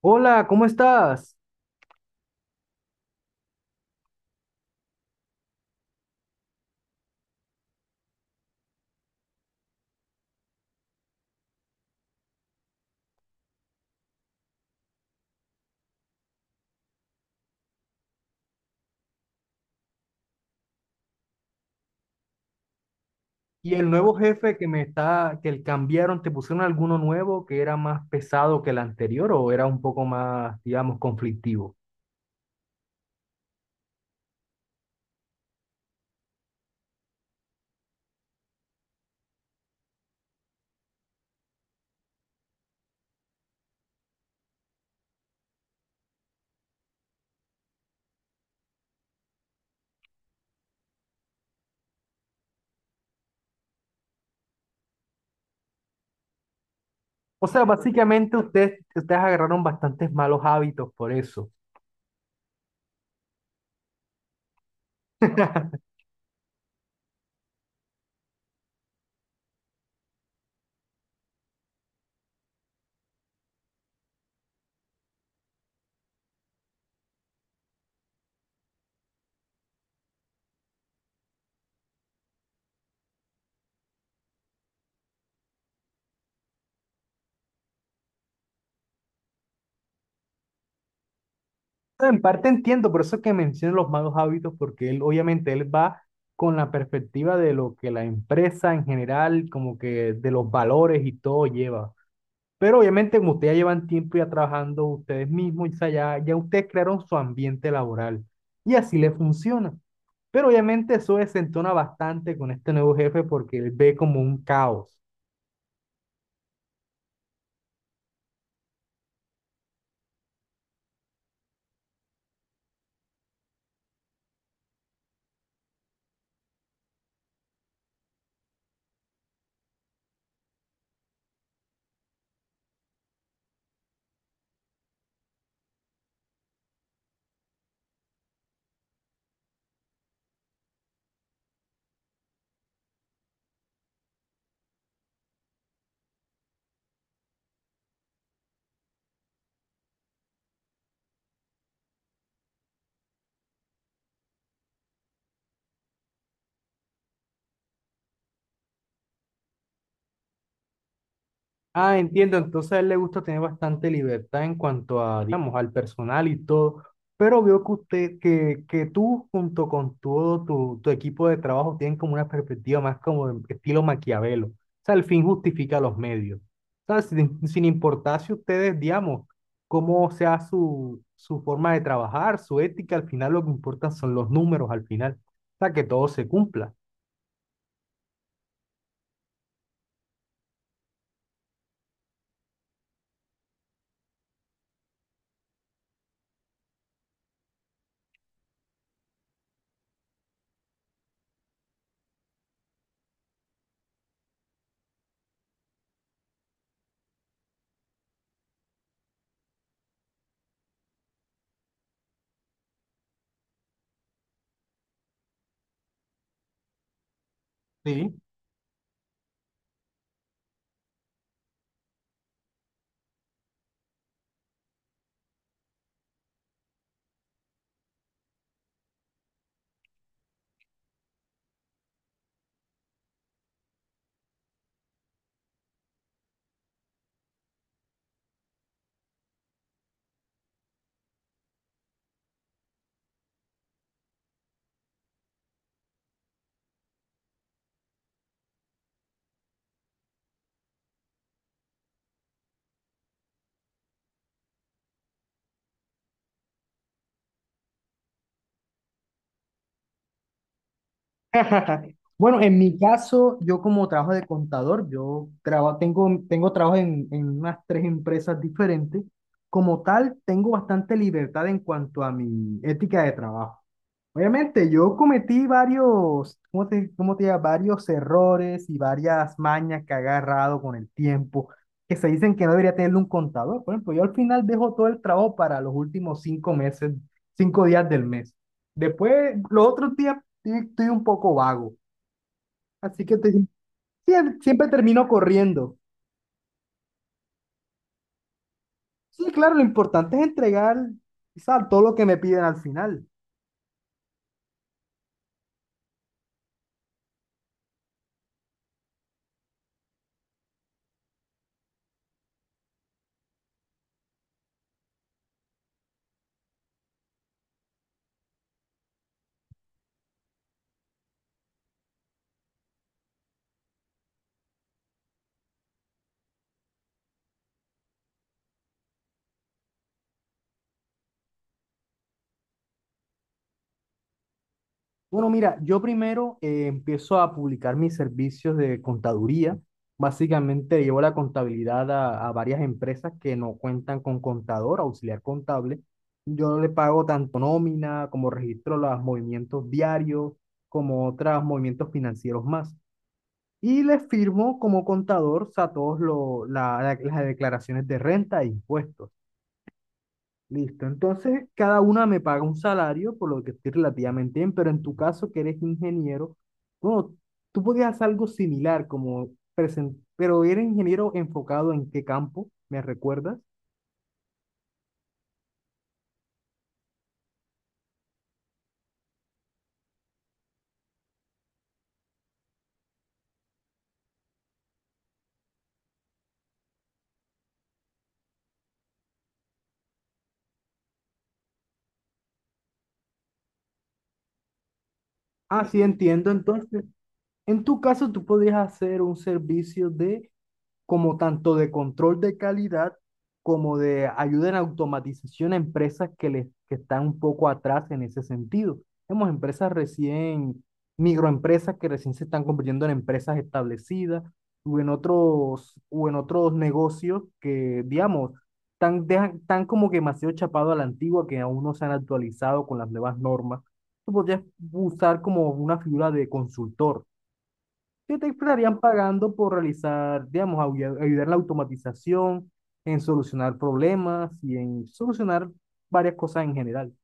Hola, ¿cómo estás? ¿Y el nuevo jefe que el cambiaron, te pusieron alguno nuevo que era más pesado que el anterior o era un poco más, digamos, conflictivo? O sea, básicamente ustedes agarraron bastantes malos hábitos por eso. Bueno, en parte entiendo, por eso es que menciono los malos hábitos, porque él, obviamente, él va con la perspectiva de lo que la empresa en general, como que de los valores y todo lleva. Pero obviamente como ustedes ya llevan tiempo ya trabajando ustedes mismos, o sea, ya ustedes crearon su ambiente laboral y así les funciona. Pero obviamente eso desentona bastante con este nuevo jefe porque él ve como un caos. Ah, entiendo. Entonces a él le gusta tener bastante libertad en cuanto a, digamos, al personal y todo. Pero veo que usted, que tú junto con todo tu equipo de trabajo tienen como una perspectiva más como de estilo Maquiavelo. O sea, el fin justifica los medios. O sea, sin importar si ustedes, digamos, cómo sea su forma de trabajar, su ética, al final lo que importa son los números al final. O sea, que todo se cumpla. Sí. Bueno, en mi caso, yo como trabajo de contador, yo tengo trabajo en unas tres empresas diferentes. Como tal, tengo bastante libertad en cuanto a mi ética de trabajo. Obviamente, yo cometí varios, cómo te diría? Varios errores y varias mañas que he agarrado con el tiempo, que se dicen que no debería tener un contador. Por ejemplo, yo al final dejo todo el trabajo para los últimos 5 meses, 5 días del mes. Después, los otros días estoy un poco vago. Así que siempre termino corriendo. Sí, claro, lo importante es entregar, quizá, todo lo que me piden al final. Bueno, mira, yo primero empiezo a publicar mis servicios de contaduría. Básicamente llevo la contabilidad a varias empresas que no cuentan con contador, auxiliar contable. Yo le pago tanto nómina como registro los movimientos diarios, como otros movimientos financieros más. Y les firmo como contador, o sea, todas las declaraciones de renta e impuestos. Listo, entonces cada una me paga un salario, por lo que estoy relativamente bien, pero en tu caso que eres ingeniero, bueno, tú podías hacer algo similar, como pero eres ingeniero enfocado en qué campo, ¿me recuerdas? Ah, sí, entiendo, entonces, en tu caso tú podías hacer un servicio de como tanto de control de calidad como de ayuda en automatización a empresas que están un poco atrás en ese sentido. Hemos empresas recién, microempresas que recién se están convirtiendo en empresas establecidas o en otros negocios que, digamos, tan como que demasiado chapado a la antigua que aún no se han actualizado con las nuevas normas. Tú podrías usar como una figura de consultor que te estarían pagando por realizar, digamos, ayudar en la automatización, en solucionar problemas y en solucionar varias cosas en general.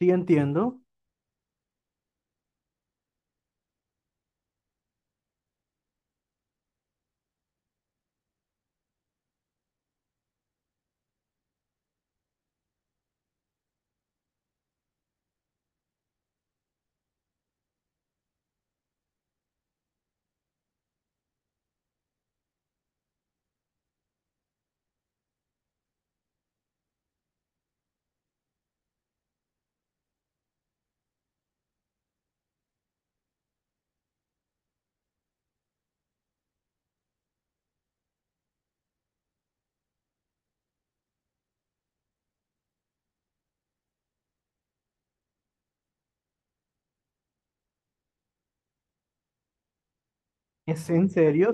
Sí, entiendo. ¿Es en serio?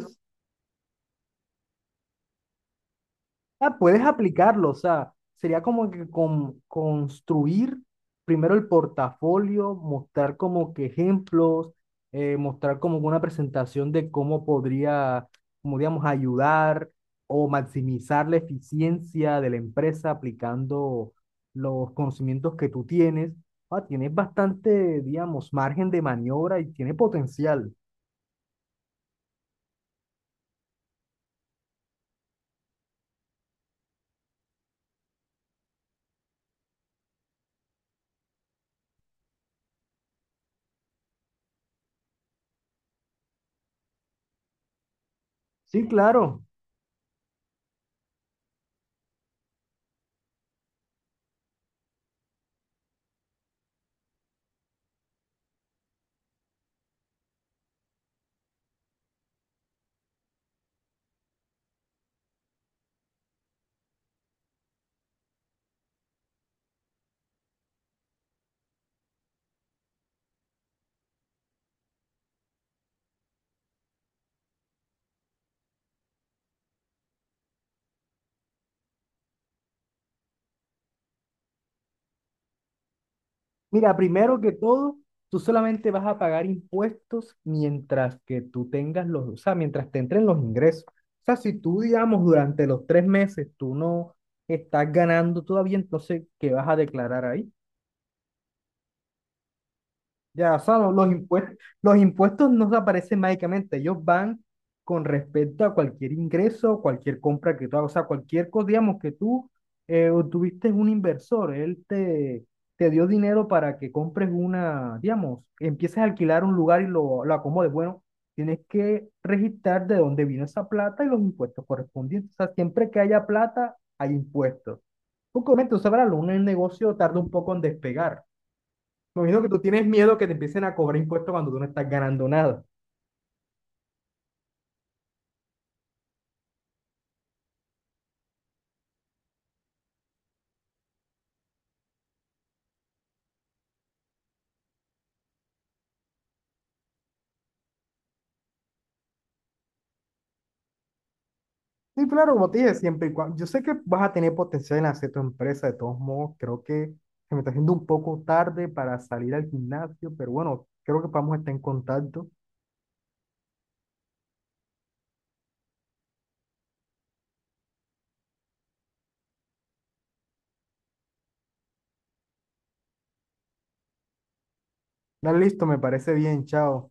Ah, puedes aplicarlo, o sea, sería como que construir primero el portafolio, mostrar como que ejemplos, mostrar como una presentación de cómo podría, como digamos, ayudar o maximizar la eficiencia de la empresa aplicando los conocimientos que tú tienes. Ah, tienes bastante, digamos, margen de maniobra y tiene potencial. Sí, claro. Mira, primero que todo, tú solamente vas a pagar impuestos mientras que tú tengas los, o sea, mientras te entren los ingresos. O sea, si tú, digamos, durante los 3 meses tú no estás ganando todavía, entonces, ¿qué vas a declarar ahí? Ya, o sea, los impuestos no desaparecen mágicamente, ellos van con respecto a cualquier ingreso, cualquier compra que tú hagas, o sea, cualquier cosa, digamos, que tú tuviste un inversor, él te dio dinero para que compres digamos, empieces a alquilar un lugar y lo acomodes. Bueno, tienes que registrar de dónde vino esa plata y los impuestos correspondientes. O sea, siempre que haya plata, hay impuestos. Porque obviamente, tú sabrás, un negocio tarda un poco en despegar. Me imagino que tú tienes miedo que te empiecen a cobrar impuestos cuando tú no estás ganando nada. Sí, claro, como te dije, siempre y cuando. Yo sé que vas a tener potencial en hacer tu empresa, de todos modos, creo que se me está haciendo un poco tarde para salir al gimnasio, pero bueno, creo que vamos a estar en contacto. Dale, listo, me parece bien, chao.